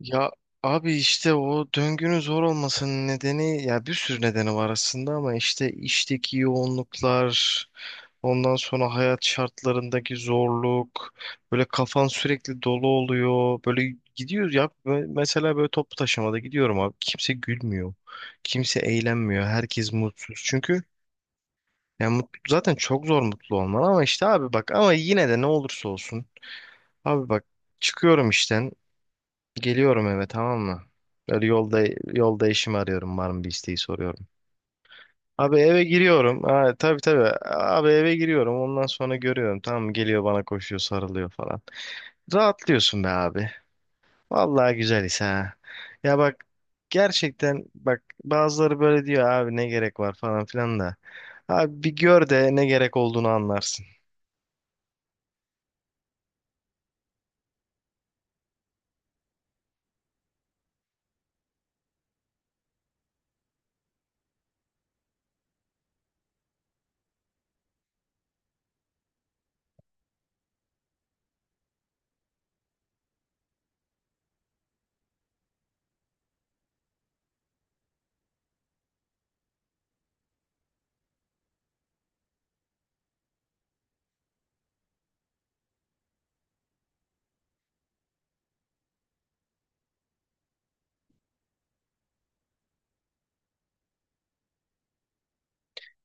Ya abi işte o döngünün zor olmasının nedeni, ya bir sürü nedeni var aslında, ama işte işteki yoğunluklar, ondan sonra hayat şartlarındaki zorluk, böyle kafan sürekli dolu oluyor. Böyle gidiyoruz ya mesela böyle toplu taşımada gidiyorum abi, kimse gülmüyor. Kimse eğlenmiyor. Herkes mutsuz. Çünkü yani mutlu, zaten çok zor mutlu olman, ama işte abi bak, ama yine de ne olursa olsun abi bak, çıkıyorum işten, geliyorum eve, tamam mı? Böyle yolda yolda eşimi arıyorum, var mı bir isteği, soruyorum. Abi eve giriyorum. Ha, tabii tabii. Abi eve giriyorum. Ondan sonra görüyorum. Tamam mı? Geliyor bana, koşuyor, sarılıyor falan. Rahatlıyorsun be abi. Vallahi güzel his ha. Ya bak, gerçekten bak, bazıları böyle diyor abi, ne gerek var falan filan da. Abi bir gör de ne gerek olduğunu anlarsın.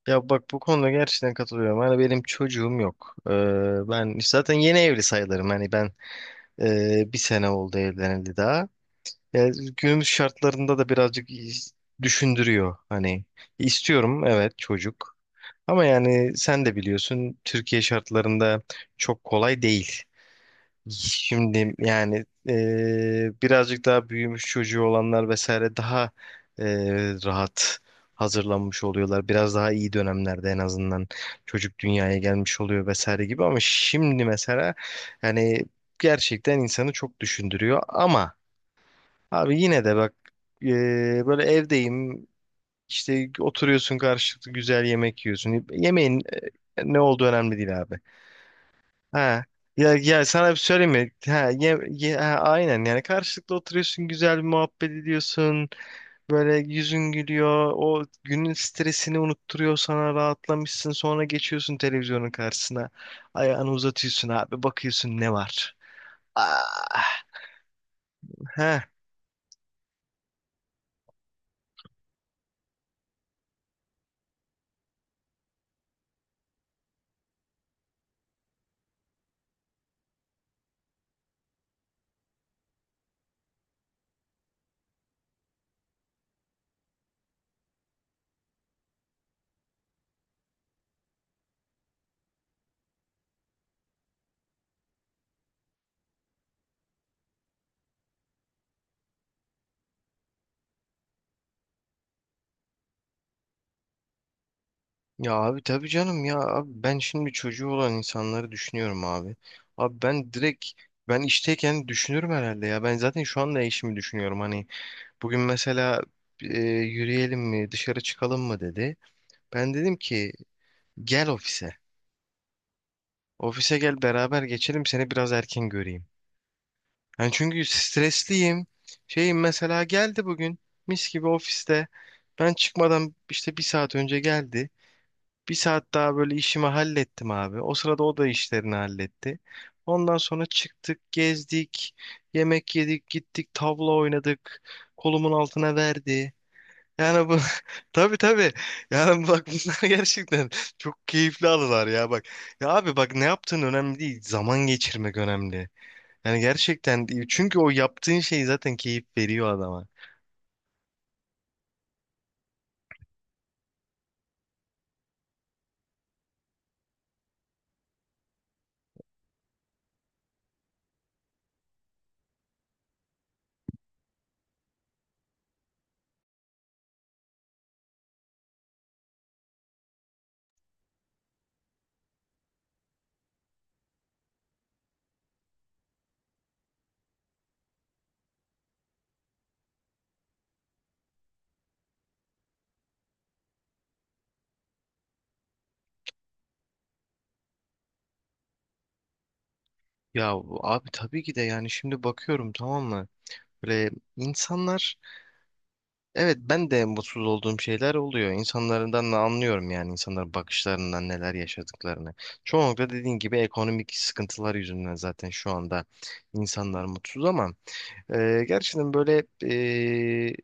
Ya bak, bu konuda gerçekten katılıyorum. Hani benim çocuğum yok. Ben zaten yeni evli sayılırım. Hani ben Bir sene oldu evlenildi daha. Yani günümüz şartlarında da birazcık düşündürüyor. Hani istiyorum evet, çocuk. Ama yani sen de biliyorsun, Türkiye şartlarında çok kolay değil. Şimdi yani birazcık daha büyümüş çocuğu olanlar vesaire daha rahat hazırlanmış oluyorlar. Biraz daha iyi dönemlerde en azından çocuk dünyaya gelmiş oluyor vesaire gibi, ama şimdi mesela yani gerçekten insanı çok düşündürüyor, ama abi yine de bak, böyle evdeyim işte, oturuyorsun karşılıklı, güzel yemek yiyorsun. Yemeğin ne olduğu önemli değil abi. Ha. Ya, sana bir söyleyeyim mi? Aynen, yani karşılıklı oturuyorsun, güzel bir muhabbet ediyorsun. Böyle yüzün gülüyor. O günün stresini unutturuyor, sana rahatlamışsın. Sonra geçiyorsun televizyonun karşısına. Ayağını uzatıyorsun abi, bakıyorsun ne var. Ah. Heh. Ya abi tabii canım, ya abi ben şimdi çocuğu olan insanları düşünüyorum abi. Abi ben direkt, ben işteyken düşünürüm herhalde ya. Ben zaten şu anda eşimi düşünüyorum hani. Bugün mesela yürüyelim mi, dışarı çıkalım mı dedi. Ben dedim ki gel ofise. Ofise gel, beraber geçelim, seni biraz erken göreyim. Yani çünkü stresliyim. Şeyim mesela geldi bugün, mis gibi ofiste. Ben çıkmadan işte bir saat önce geldi. Bir saat daha böyle işimi hallettim abi. O sırada o da işlerini halletti. Ondan sonra çıktık, gezdik, yemek yedik, gittik, tavla oynadık. Kolumun altına verdi. Yani bu tabii tabii. Yani bak, bunlar gerçekten çok keyifli anılar ya bak. Ya abi bak, ne yaptığın önemli değil. Zaman geçirmek önemli. Yani gerçekten değil, çünkü o yaptığın şey zaten keyif veriyor adama. Ya abi tabii ki de, yani şimdi bakıyorum, tamam mı? Böyle insanlar, evet ben de mutsuz olduğum şeyler oluyor. İnsanlardan da anlıyorum, yani insanların bakışlarından neler yaşadıklarını. Çoğunlukla dediğin gibi ekonomik sıkıntılar yüzünden zaten şu anda insanlar mutsuz, ama gerçekten böyle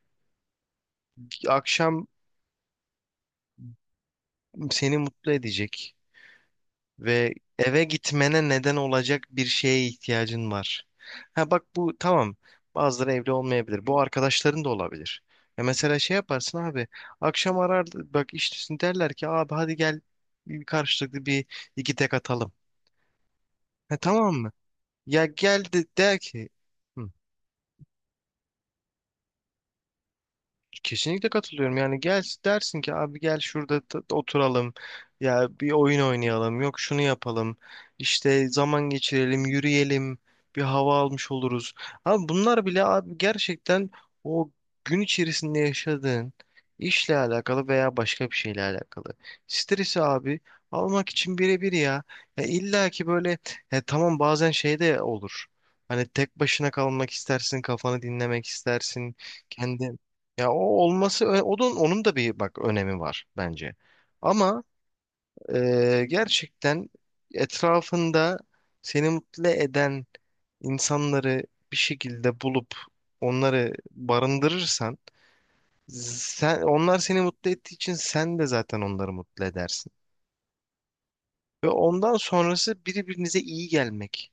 akşam seni mutlu edecek ve eve gitmene neden olacak bir şeye ihtiyacın var. Ha bak, bu tamam. Bazıları evli olmayabilir. Bu arkadaşların da olabilir. Ya mesela şey yaparsın abi. Akşam arar, bak işte derler ki abi hadi gel, bir karşılıklı bir iki tek atalım. Ha tamam mı? Ya gel de der ki "Hı, kesinlikle katılıyorum. Yani gel dersin ki abi gel şurada oturalım. Ya bir oyun oynayalım. Yok şunu yapalım. İşte zaman geçirelim, yürüyelim. Bir hava almış oluruz. Abi bunlar bile abi gerçekten o gün içerisinde yaşadığın işle alakalı veya başka bir şeyle alakalı. Stresi abi almak için birebir ya. Ya illa ki böyle, ya tamam bazen şey de olur. Hani tek başına kalmak istersin, kafanı dinlemek istersin. Kendi ya, o olması o da, onun da bir bak önemi var bence. Ama gerçekten etrafında seni mutlu eden insanları bir şekilde bulup onları barındırırsan, sen onlar seni mutlu ettiği için sen de zaten onları mutlu edersin. Ve ondan sonrası birbirinize iyi gelmek.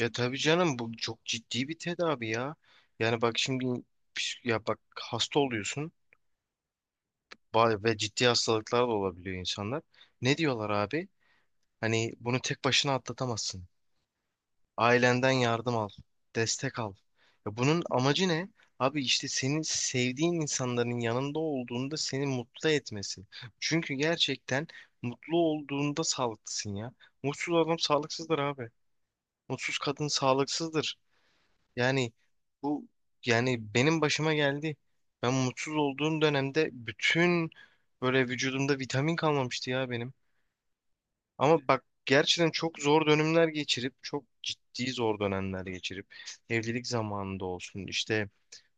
Ya tabii canım, bu çok ciddi bir tedavi ya. Yani bak şimdi, ya bak hasta oluyorsun. Ve ciddi hastalıklar da olabiliyor insanlar. Ne diyorlar abi? Hani bunu tek başına atlatamazsın. Ailenden yardım al, destek al. Ya bunun amacı ne? Abi işte, senin sevdiğin insanların yanında olduğunda seni mutlu etmesi. Çünkü gerçekten mutlu olduğunda sağlıklısın ya. Mutsuz adam sağlıksızdır abi. Mutsuz kadın sağlıksızdır. Yani bu, yani benim başıma geldi. Ben mutsuz olduğum dönemde bütün böyle vücudumda vitamin kalmamıştı ya benim. Ama bak gerçekten çok zor dönemler geçirip, çok ciddi zor dönemler geçirip evlilik zamanında olsun, işte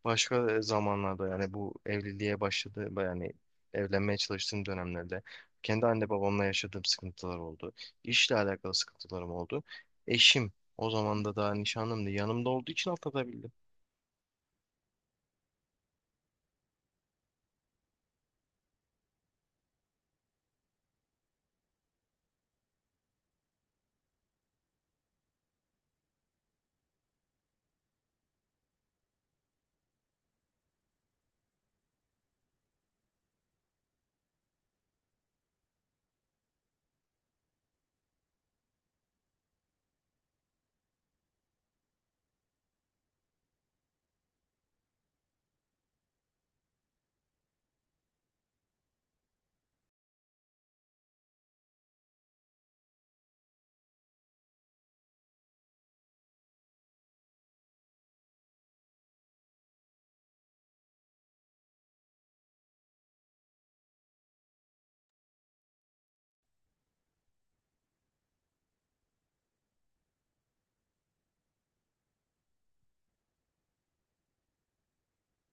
başka zamanlarda, yani bu evliliğe başladı, yani evlenmeye çalıştığım dönemlerde kendi anne babamla yaşadığım sıkıntılar oldu. İşle alakalı sıkıntılarım oldu. Eşim o zaman da daha nişanlımdı, yanımda olduğu için atlatabildim.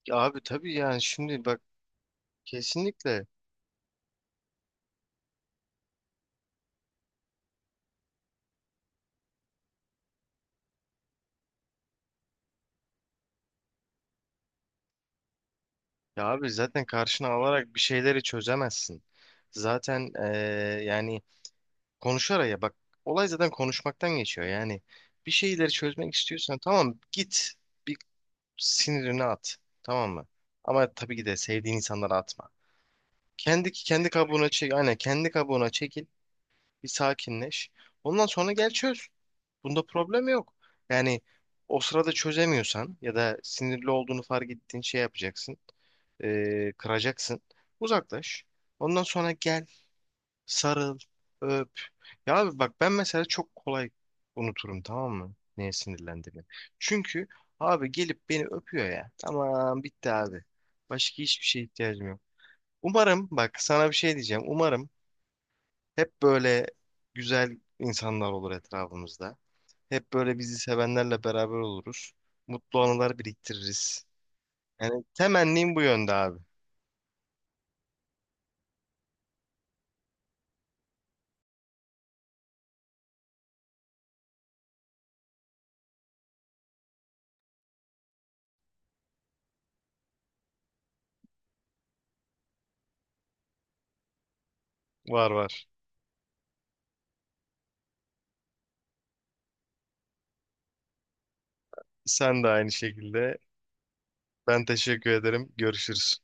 Ya abi tabii, yani şimdi bak kesinlikle, ya abi zaten karşına alarak bir şeyleri çözemezsin. Zaten yani konuşarak, ya bak olay zaten konuşmaktan geçiyor. Yani bir şeyleri çözmek istiyorsan, tamam git, bir sinirini at, tamam mı? Ama tabii ki de sevdiğin insanlara atma. Kendi kabuğuna çek, aynen kendi kabuğuna çekil, bir sakinleş. Ondan sonra gel çöz. Bunda problem yok. Yani o sırada çözemiyorsan ya da sinirli olduğunu fark ettiğin şey yapacaksın. Kıracaksın. Uzaklaş. Ondan sonra gel, sarıl, öp. Ya abi bak, ben mesela çok kolay unuturum, tamam mı? Neye sinirlendiğimi. Çünkü abi gelip beni öpüyor ya. Tamam bitti abi. Başka hiçbir şeye ihtiyacım yok. Umarım, bak sana bir şey diyeceğim. Umarım hep böyle güzel insanlar olur etrafımızda. Hep böyle bizi sevenlerle beraber oluruz. Mutlu anılar biriktiririz. Yani temennim bu yönde abi. Var var. Sen de aynı şekilde. Ben teşekkür ederim. Görüşürüz.